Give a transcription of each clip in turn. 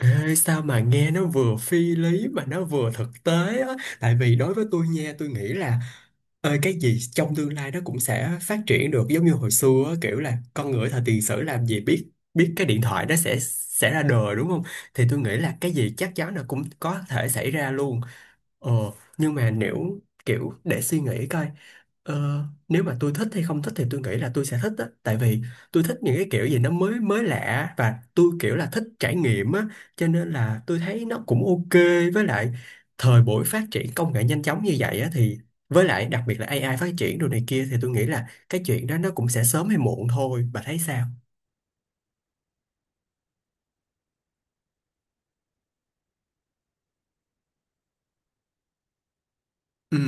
Ê, sao mà nghe nó vừa phi lý mà nó vừa thực tế á, tại vì đối với tôi nha, tôi nghĩ là cái gì trong tương lai nó cũng sẽ phát triển được, giống như hồi xưa á, kiểu là con người thời tiền sử làm gì biết biết cái điện thoại nó sẽ ra đời, đúng không? Thì tôi nghĩ là cái gì chắc chắn là cũng có thể xảy ra luôn. Ờ, nhưng mà nếu kiểu để suy nghĩ coi, nếu mà tôi thích hay không thích thì tôi nghĩ là tôi sẽ thích á, tại vì tôi thích những cái kiểu gì nó mới mới lạ, và tôi kiểu là thích trải nghiệm á, cho nên là tôi thấy nó cũng ok. Với lại thời buổi phát triển công nghệ nhanh chóng như vậy á, thì với lại đặc biệt là AI phát triển đồ này kia, thì tôi nghĩ là cái chuyện đó nó cũng sẽ sớm hay muộn thôi. Bà thấy sao? Ừ.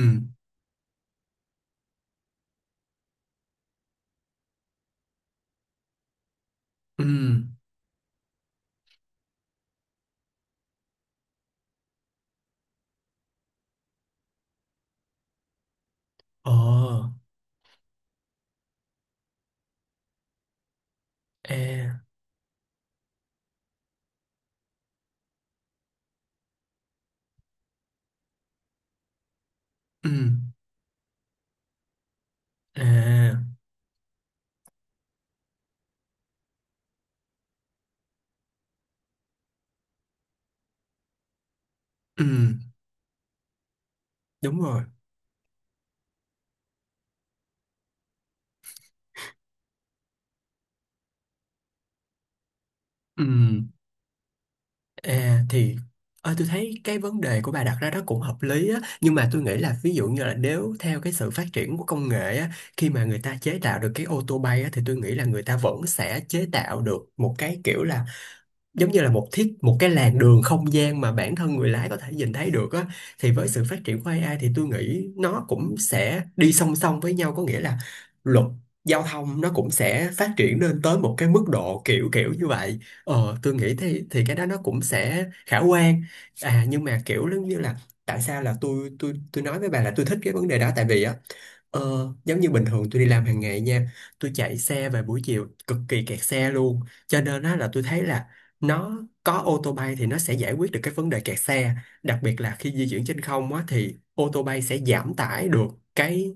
Ừ. Ờ. E. Ừ. À. Ừ. Đúng rồi. Ừ. À thì, tôi thấy cái vấn đề của bà đặt ra đó cũng hợp lý á, nhưng mà tôi nghĩ là ví dụ như là nếu theo cái sự phát triển của công nghệ á, khi mà người ta chế tạo được cái ô tô bay á, thì tôi nghĩ là người ta vẫn sẽ chế tạo được một cái kiểu là giống như là một cái làn đường không gian mà bản thân người lái có thể nhìn thấy được á. Thì với sự phát triển của AI thì tôi nghĩ nó cũng sẽ đi song song với nhau, có nghĩa là luật giao thông nó cũng sẽ phát triển lên tới một cái mức độ kiểu kiểu như vậy. Tôi nghĩ thì cái đó nó cũng sẽ khả quan. À nhưng mà kiểu giống như là tại sao là tôi nói với bà là tôi thích cái vấn đề đó, tại vì á, Ờ, giống như bình thường tôi đi làm hàng ngày nha, tôi chạy xe về buổi chiều cực kỳ kẹt xe luôn, cho nên á là tôi thấy là nó có ô tô bay thì nó sẽ giải quyết được cái vấn đề kẹt xe. Đặc biệt là khi di chuyển trên không á thì ô tô bay sẽ giảm tải được cái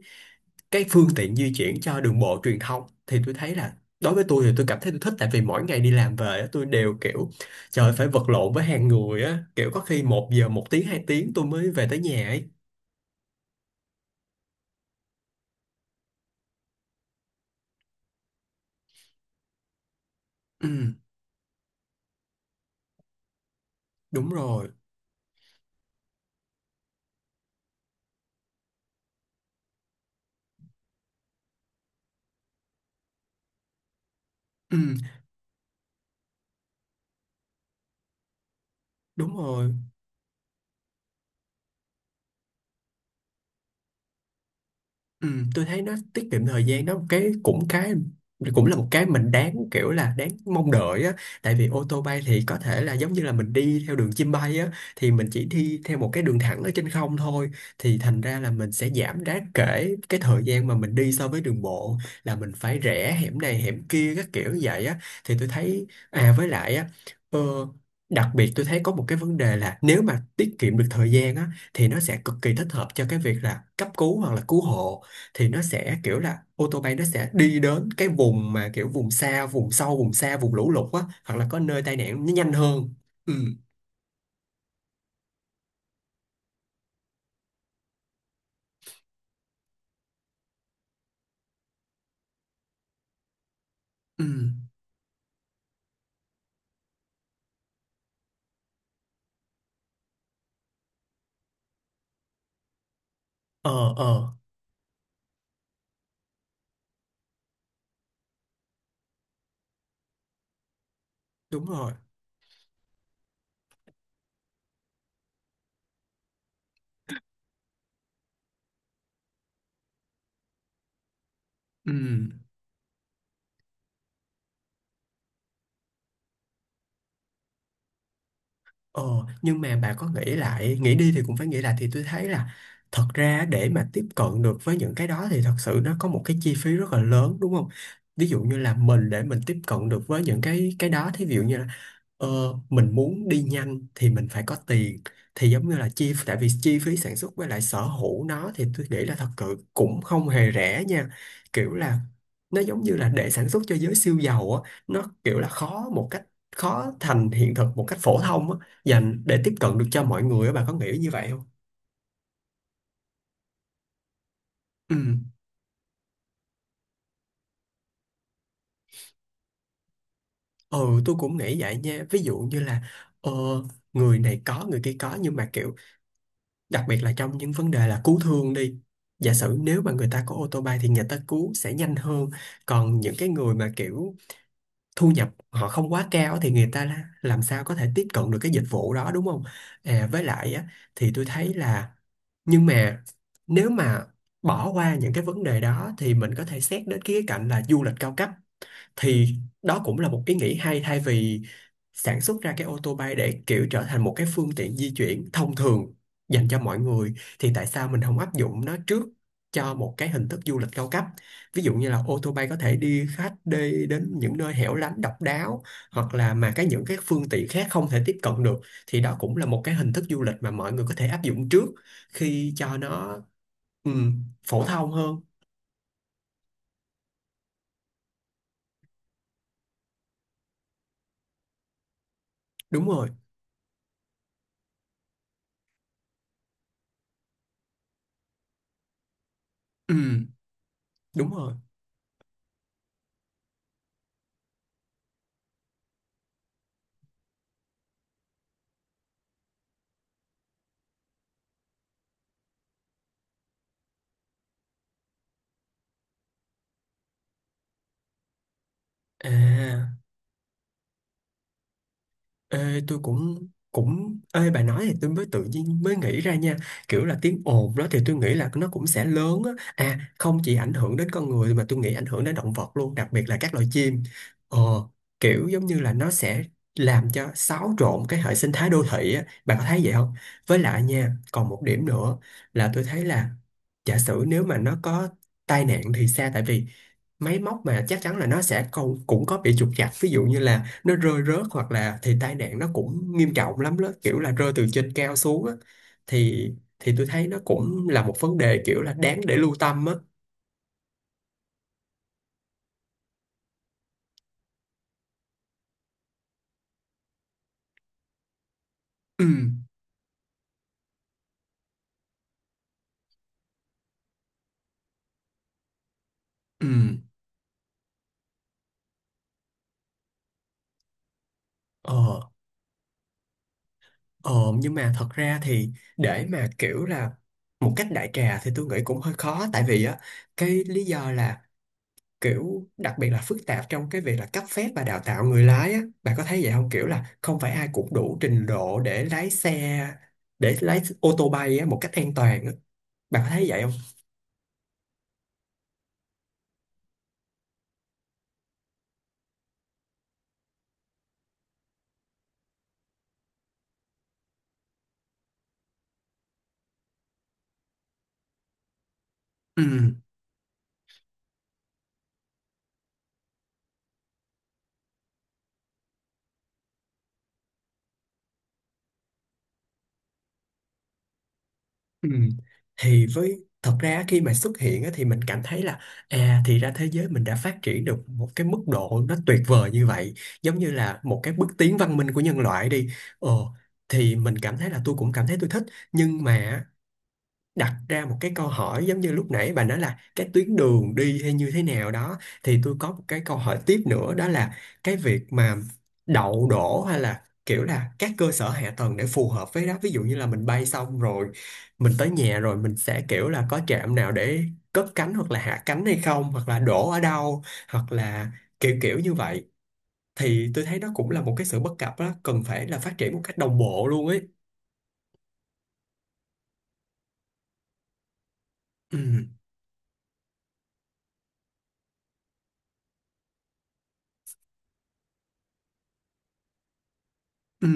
phương tiện di chuyển cho đường bộ truyền thông, thì tôi thấy là đối với tôi thì tôi cảm thấy tôi thích, tại vì mỗi ngày đi làm về á, tôi đều kiểu trời ơi, phải vật lộn với hàng người á, kiểu có khi một giờ một tiếng hai tiếng tôi mới về tới nhà ấy. Ừ. Đúng rồi. Ừ. Đúng rồi. Ừ, tôi thấy nó tiết kiệm thời gian đó, cái cũng là một cái mình đáng kiểu là đáng mong đợi á. Tại vì ô tô bay thì có thể là giống như là mình đi theo đường chim bay á, thì mình chỉ đi theo một cái đường thẳng ở trên không thôi, thì thành ra là mình sẽ giảm đáng kể cái thời gian mà mình đi so với đường bộ, là mình phải rẽ hẻm này hẻm kia các kiểu như vậy á, thì tôi thấy. À với lại á, ờ, đặc biệt tôi thấy có một cái vấn đề là nếu mà tiết kiệm được thời gian á thì nó sẽ cực kỳ thích hợp cho cái việc là cấp cứu hoặc là cứu hộ. Thì nó sẽ kiểu là ô tô bay nó sẽ đi đến cái vùng mà kiểu vùng sâu vùng xa vùng lũ lụt á, hoặc là có nơi tai nạn nó nhanh hơn. Ừ. Ừ. ờ ờ Đúng rồi. Ừ. ờ nhưng mà bà có nghĩ lại nghĩ đi thì cũng phải nghĩ lại, thì tôi thấy là thật ra để mà tiếp cận được với những cái đó thì thật sự nó có một cái chi phí rất là lớn, đúng không? Ví dụ như là mình để mình tiếp cận được với những cái đó, thí dụ như là Ờ, mình muốn đi nhanh thì mình phải có tiền. Thì giống như là tại vì chi phí sản xuất với lại sở hữu nó thì tôi nghĩ là thật sự cũng không hề rẻ nha, kiểu là nó giống như là để sản xuất cho giới siêu giàu á, nó kiểu là khó một cách khó thành hiện thực một cách phổ thông á, dành để tiếp cận được cho mọi người á. Bà có nghĩ như vậy không? Ừ. Ừ, tôi cũng nghĩ vậy nha, ví dụ như là ờ, người này có người kia có, nhưng mà kiểu đặc biệt là trong những vấn đề là cứu thương đi, giả sử nếu mà người ta có ô tô bay thì người ta cứu sẽ nhanh hơn. Còn những cái người mà kiểu thu nhập họ không quá cao thì người ta làm sao có thể tiếp cận được cái dịch vụ đó, đúng không? À với lại á, thì tôi thấy là, nhưng mà nếu mà bỏ qua những cái vấn đề đó thì mình có thể xét đến cái khía cạnh là du lịch cao cấp. Thì đó cũng là một ý nghĩ hay, thay vì sản xuất ra cái ô tô bay để kiểu trở thành một cái phương tiện di chuyển thông thường dành cho mọi người, thì tại sao mình không áp dụng nó trước cho một cái hình thức du lịch cao cấp. Ví dụ như là ô tô bay có thể đi khách đi đến những nơi hẻo lánh độc đáo, hoặc là mà cái những cái phương tiện khác không thể tiếp cận được, thì đó cũng là một cái hình thức du lịch mà mọi người có thể áp dụng trước khi cho nó phổ thông hơn. Đúng rồi. Ừm, đúng rồi. À. Ê, tôi cũng cũng ê bà nói thì tôi mới tự nhiên mới nghĩ ra nha, kiểu là tiếng ồn đó thì tôi nghĩ là nó cũng sẽ lớn á, à không chỉ ảnh hưởng đến con người mà tôi nghĩ ảnh hưởng đến động vật luôn, đặc biệt là các loài chim. ờ Kiểu giống như là nó sẽ làm cho xáo trộn cái hệ sinh thái đô thị á. Bà có thấy vậy không? Với lại nha, còn một điểm nữa là tôi thấy là giả sử nếu mà nó có tai nạn thì sao, tại vì máy móc mà chắc chắn là nó sẽ cũng có bị trục trặc, ví dụ như là nó rơi rớt hoặc là thì tai nạn nó cũng nghiêm trọng lắm đó, kiểu là rơi từ trên cao xuống á, thì thì tôi thấy nó cũng là một vấn đề kiểu là đáng để lưu tâm á. Ừ. Ừ. ờ ờ nhưng mà thật ra thì để mà kiểu là một cách đại trà thì tôi nghĩ cũng hơi khó, tại vì á cái lý do là kiểu đặc biệt là phức tạp trong cái việc là cấp phép và đào tạo người lái á. Bạn có thấy vậy không? Kiểu là không phải ai cũng đủ trình độ để lái xe, để lái ô tô bay á, một cách an toàn á. Bạn có thấy vậy không? Ừ. Ừ. Thì với thật ra khi mà xuất hiện á, thì mình cảm thấy là à thì ra thế giới mình đã phát triển được một cái mức độ nó tuyệt vời như vậy, giống như là một cái bước tiến văn minh của nhân loại đi. ờ thì mình cảm thấy là tôi cũng cảm thấy tôi thích. Nhưng mà đặt ra một cái câu hỏi giống như lúc nãy bà nói là cái tuyến đường đi hay như thế nào đó, thì tôi có một cái câu hỏi tiếp nữa, đó là cái việc mà đậu đổ hay là kiểu là các cơ sở hạ tầng để phù hợp với đó. Ví dụ như là mình bay xong rồi mình tới nhà rồi mình sẽ kiểu là có trạm nào để cất cánh hoặc là hạ cánh hay không, hoặc là đổ ở đâu, hoặc là kiểu kiểu như vậy, thì tôi thấy đó cũng là một cái sự bất cập đó, cần phải là phát triển một cách đồng bộ luôn ấy. Ừ. Ừ.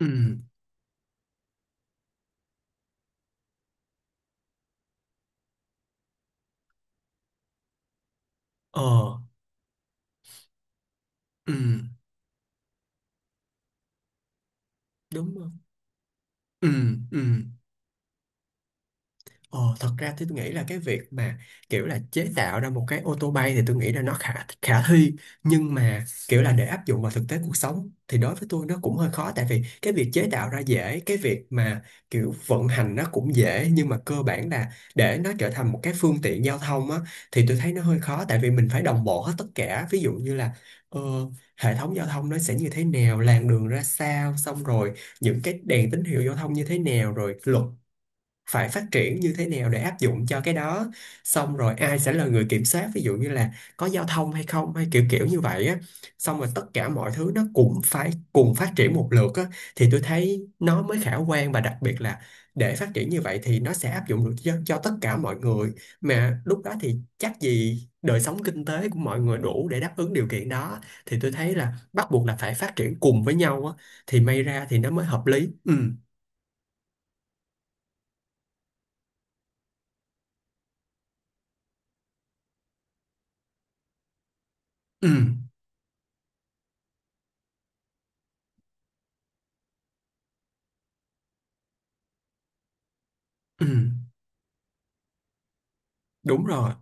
Ừ. Ờ. Ừ. Đúng rồi. Ừ, ừ. Ờ, thật ra thì tôi nghĩ là cái việc mà kiểu là chế tạo ra một cái ô tô bay thì tôi nghĩ là nó khả khả thi. Nhưng mà kiểu là để áp dụng vào thực tế cuộc sống thì đối với tôi nó cũng hơi khó, tại vì cái việc chế tạo ra dễ, cái việc mà kiểu vận hành nó cũng dễ, nhưng mà cơ bản là để nó trở thành một cái phương tiện giao thông á, thì tôi thấy nó hơi khó, tại vì mình phải đồng bộ hết tất cả. Ví dụ như là ờ, hệ thống giao thông nó sẽ như thế nào, làn đường ra sao, xong rồi những cái đèn tín hiệu giao thông như thế nào, rồi luật phải phát triển như thế nào để áp dụng cho cái đó, xong rồi ai sẽ là người kiểm soát, ví dụ như là có giao thông hay không, hay kiểu kiểu như vậy á, xong rồi tất cả mọi thứ nó cũng phải cùng phát triển một lượt á, thì tôi thấy nó mới khả quan. Và đặc biệt là để phát triển như vậy thì nó sẽ áp dụng được cho, tất cả mọi người, mà lúc đó thì chắc gì đời sống kinh tế của mọi người đủ để đáp ứng điều kiện đó. Thì tôi thấy là bắt buộc là phải phát triển cùng với nhau á, thì may ra thì nó mới hợp lý. Ừ. Ừ. Ừ. Đúng rồi.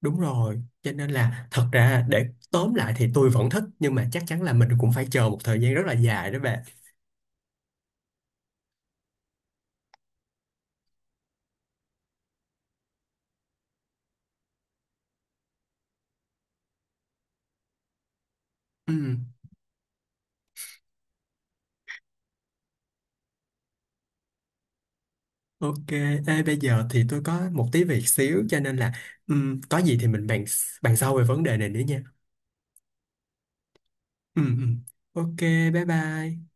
Đúng rồi, cho nên là thật ra để tóm lại thì tôi vẫn thích, nhưng mà chắc chắn là mình cũng phải chờ một thời gian rất là dài đó bạn. Ừ, ok. Ê, bây giờ thì tôi có một tí việc xíu cho nên là ừ, có gì thì mình bàn bàn sau về vấn đề này nữa nha. Ừ, ừ. Ok, bye bye.